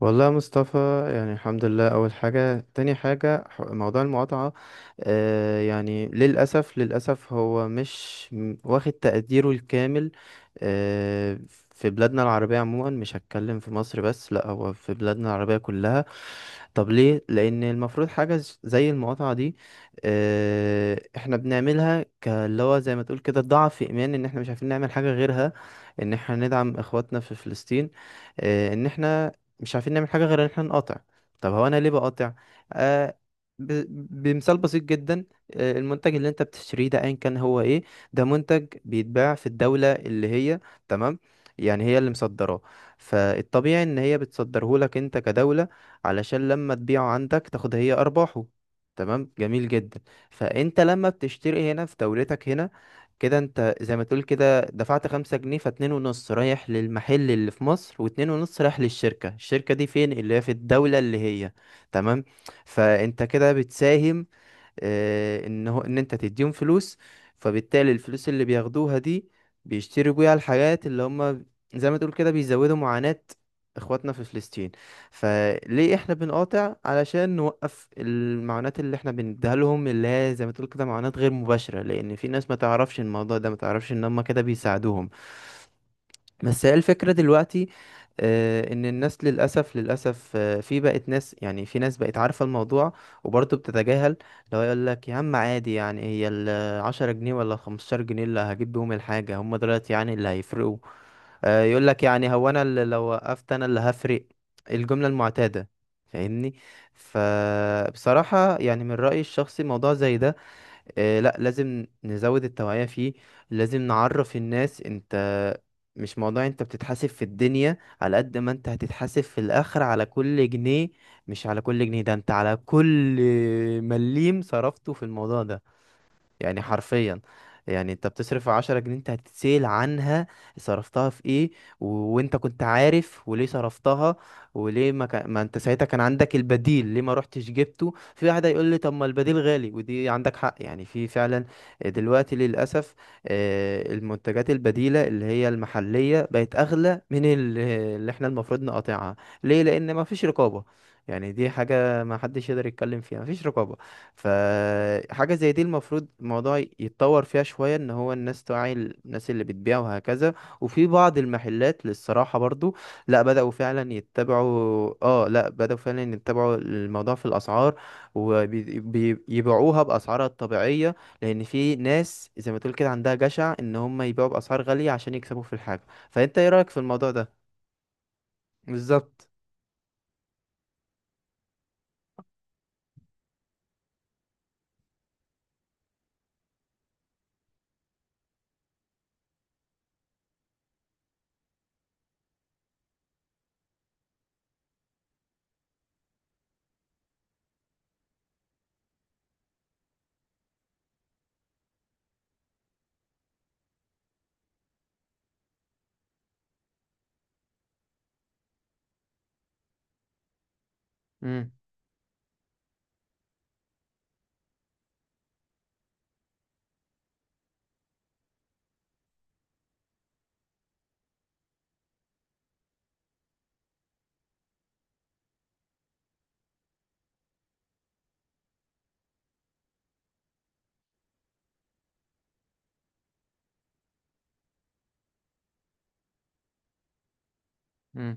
والله يا مصطفى، يعني الحمد لله. اول حاجه، تاني حاجه موضوع المقاطعه. يعني للاسف للاسف هو مش واخد تقديره الكامل. آه في بلادنا العربيه عموما، مش هتكلم في مصر بس، لا هو في بلادنا العربيه كلها. طب ليه؟ لان المفروض حاجه زي المقاطعه دي. احنا بنعملها كاللي هو زي ما تقول كده ضعف ايمان، ان احنا مش عارفين نعمل حاجه غيرها، ان احنا ندعم اخواتنا في فلسطين. ان احنا مش عارفين نعمل حاجة غير ان احنا نقاطع. طب هو انا ليه بقاطع؟ آه ب... بمثال بسيط جدا. المنتج اللي انت بتشتريه ده ايا كان هو ايه؟ ده منتج بيتباع في الدولة اللي هي، تمام، يعني هي اللي مصدراه. فالطبيعي ان هي بتصدره لك انت كدولة، علشان لما تبيعه عندك تاخد هي ارباحه. تمام، جميل جدا. فانت لما بتشتري هنا في دولتك هنا، كده انت زي ما تقول كده، انت دفعت 5 جنيه، فاتنين ونص رايح للمحل اللي في مصر، واتنين ونص رايح للشركة. الشركة دي فين؟ اللي هي في الدولة اللي هي، تمام. فانت كده بتساهم، ان هو، ان انت تديهم فلوس. فبالتالي الفلوس اللي بياخدوها دي، بيشتروا بيها الحاجات اللي هم زي ما تقول كده بيزودوا معاناة اخواتنا في فلسطين. فليه احنا بنقاطع؟ علشان نوقف المعاناة اللي احنا بنديها لهم، اللي هي زي ما تقول كده معاناة غير مباشرة، لان في ناس ما تعرفش الموضوع ده، ما تعرفش ان هم كده بيساعدوهم. بس هي الفكرة دلوقتي، ان الناس للاسف للاسف، في بقت ناس، يعني في ناس بقت عارفة الموضوع وبرضه بتتجاهل. لو يقول لك يا عم عادي، يعني هي العشرة جنيه ولا 15 جنيه اللي هجيب بيهم الحاجة هم دلوقتي يعني اللي هيفرقوا؟ يقول لك يعني هو انا اللي لو وقفت انا اللي هفرق؟ الجملة المعتادة. فاهمني. فبصراحة يعني من رأيي الشخصي موضوع زي ده، لا لازم نزود التوعية فيه. لازم نعرف الناس. انت مش موضوع انت بتتحاسب في الدنيا، على قد ما انت هتتحاسب في الاخر على كل جنيه. مش على كل جنيه ده، انت على كل مليم صرفته في الموضوع ده. يعني حرفيا، يعني انت بتصرف 10 جنيه، انت هتتسأل عنها. صرفتها في ايه؟ وانت كنت عارف وليه صرفتها؟ وليه ما انت ساعتها كان عندك البديل، ليه ما رحتش جبته؟ في واحد هيقول لي طب ما البديل غالي، ودي عندك حق يعني في فعلا. دلوقتي للأسف، المنتجات البديلة اللي هي المحلية بقت أغلى من اللي احنا المفروض نقاطعها. ليه؟ لأن ما فيش رقابة. يعني دي حاجة ما حدش يقدر يتكلم فيها، ما فيش رقابة. فحاجة زي دي المفروض الموضوع يتطور فيها شوية، ان هو الناس توعي الناس اللي بتبيع وهكذا. وفي بعض المحلات للصراحة برضو، لا بدأوا فعلا يتبعوا اه لا بدأوا فعلا يتبعوا الموضوع في الأسعار، وبيبيعوها بأسعارها الطبيعية. لأن في ناس زي ما تقول كده عندها جشع ان هم يبيعوا بأسعار غالية عشان يكسبوا في الحاجة. فأنت ايه رأيك في الموضوع ده؟ بالظبط. امم امم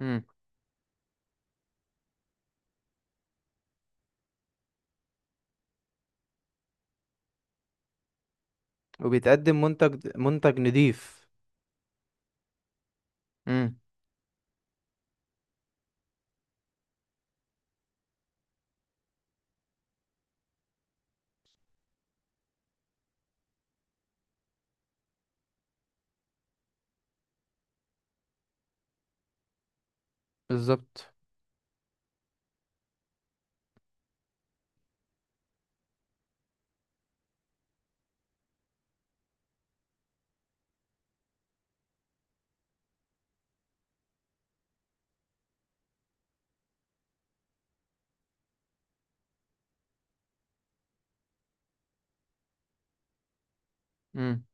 امم وبيتقدم منتج نضيف. امم. بالظبط. امم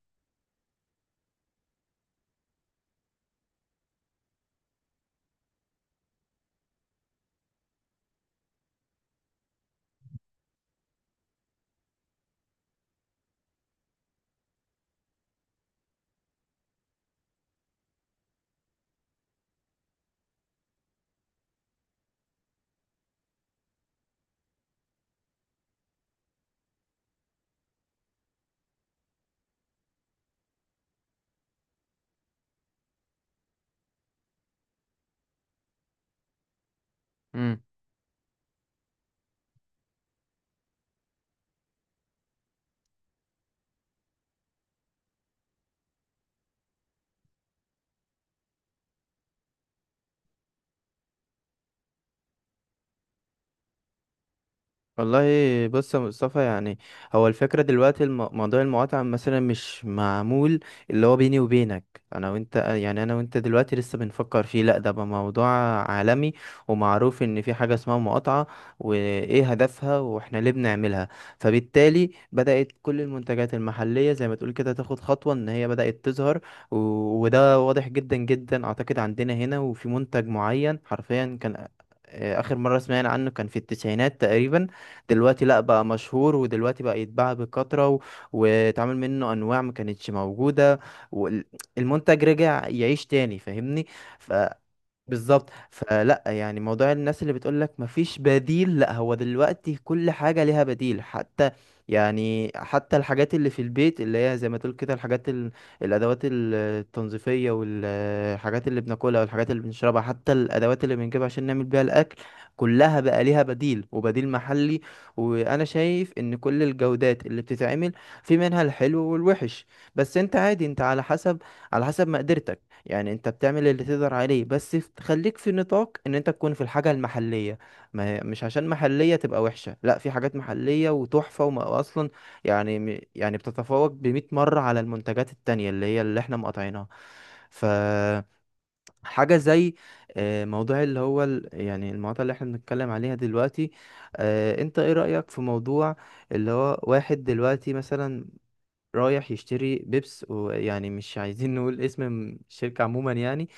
والله، بص يا مصطفى. يعني هو الفكرة دلوقتي، موضوع المقاطعة مثلا مش معمول اللي هو بيني وبينك، أنا وأنت، يعني أنا وأنت دلوقتي لسه بنفكر فيه، لأ ده بقى موضوع عالمي، ومعروف إن في حاجة اسمها مقاطعة، وإيه هدفها، وإحنا ليه بنعملها. فبالتالي بدأت كل المنتجات المحلية زي ما تقول كده تاخد خطوة إن هي بدأت تظهر. و... وده واضح جدا جدا أعتقد عندنا هنا، وفي منتج معين حرفيا كان، آخر مرة سمعنا عنه كان في التسعينات تقريبا. دلوقتي لا، بقى مشهور ودلوقتي بقى يتباع بكثرة واتعمل منه انواع ما كانتش موجودة، والمنتج رجع يعيش تاني. فاهمني. بالظبط. فلا يعني موضوع الناس اللي بتقولك مفيش بديل، لا هو دلوقتي كل حاجة ليها بديل، حتى يعني حتى الحاجات اللي في البيت اللي هي زي ما تقول كده الأدوات التنظيفية والحاجات اللي بناكلها والحاجات اللي بنشربها، حتى الأدوات اللي بنجيبها عشان نعمل بيها الأكل، كلها بقى ليها بديل وبديل محلي. وأنا شايف إن كل الجودات اللي بتتعمل، في منها الحلو والوحش، بس أنت عادي، أنت على حسب، على حسب مقدرتك. يعني انت بتعمل اللي تقدر عليه بس، خليك في نطاق ان انت تكون في الحاجة المحلية. ما هي مش عشان محلية تبقى وحشة، لا، في حاجات محلية وتحفة وما اصلا، يعني يعني بتتفوق بمئة مرة على المنتجات التانية اللي هي اللي احنا مقاطعينها. فحاجة زي، موضوع اللي هو، يعني المقاطعة اللي احنا بنتكلم عليها دلوقتي. انت ايه رأيك في موضوع اللي هو، واحد دلوقتي مثلا رايح يشتري بيبس، ويعني مش عايزين نقول اسم الشركة عموما، يعني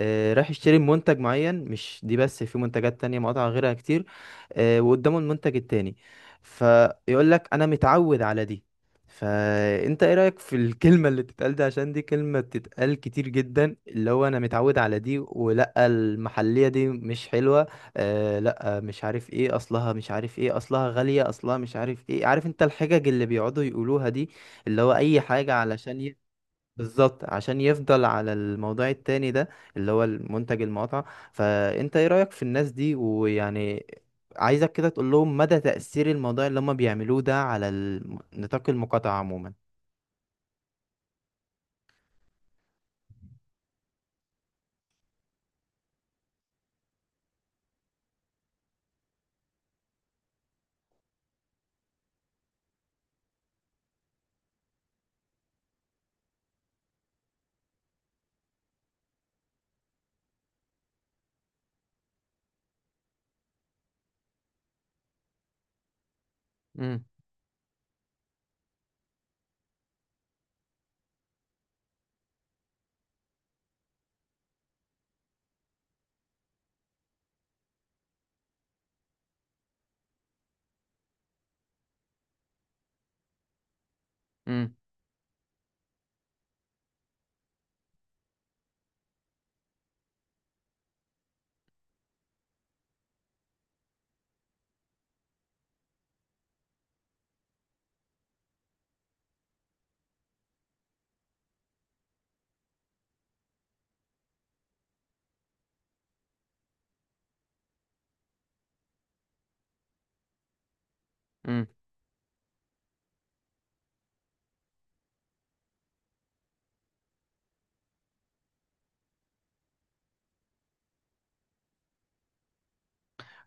رايح يشتري منتج معين، مش دي بس، في منتجات تانية مقاطع غيرها كتير. وقدامه المنتج التاني، فيقول لك انا متعود على دي. فانت ايه رأيك في الكلمة اللي بتتقال دي؟ عشان دي كلمة بتتقال كتير جدا، اللي هو انا متعود على دي، ولا المحلية دي مش حلوة، لا مش عارف ايه اصلها، مش عارف ايه اصلها، غالية، اصلها مش عارف ايه. عارف انت الحجج اللي بيقعدوا يقولوها دي، اللي هو اي حاجة علشان. بالظبط، عشان يفضل على الموضوع التاني ده اللي هو المنتج المقاطعة. فانت ايه رأيك في الناس دي؟ ويعني عايزك كده تقول لهم مدى تأثير الموضوع اللي هم بيعملوه ده على نطاق المقاطعة عموما. امم امم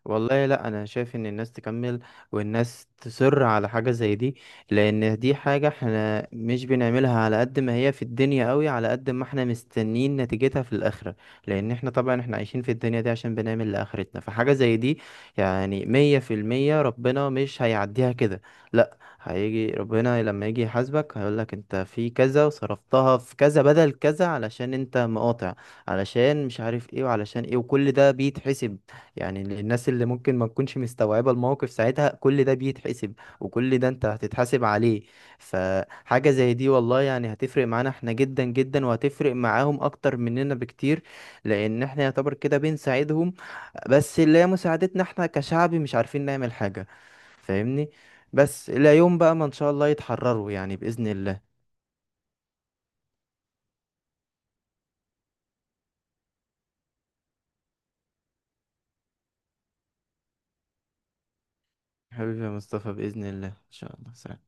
والله لا، انا شايف ان الناس تكمل، والناس تصر على حاجة زي دي، لان دي حاجة احنا مش بنعملها على قد ما هي في الدنيا قوي، على قد ما احنا مستنين نتيجتها في الاخرة. لان احنا طبعا احنا عايشين في الدنيا دي عشان بنعمل لاخرتنا. فحاجة زي دي يعني 100% ربنا مش هيعديها كده. لا، هيجي ربنا لما يجي يحاسبك، هيقولك انت في كذا وصرفتها في كذا بدل كذا علشان انت مقاطع، علشان مش عارف ايه وعلشان ايه، وكل ده بيتحسب. يعني للناس اللي ممكن ما تكونش مستوعبة الموقف ساعتها، كل ده بيتحسب، وكل ده انت هتتحاسب عليه. فحاجة زي دي والله يعني هتفرق معانا احنا جدا جدا، وهتفرق معاهم اكتر مننا بكتير. لان احنا يعتبر كده بنساعدهم، بس اللي هي مساعدتنا احنا كشعب مش عارفين نعمل حاجة. فاهمني. بس الى يوم بقى ما ان شاء الله يتحرروا يعني بإذن الله. حبيبي يا مصطفى، بإذن الله ان شاء الله. سلام.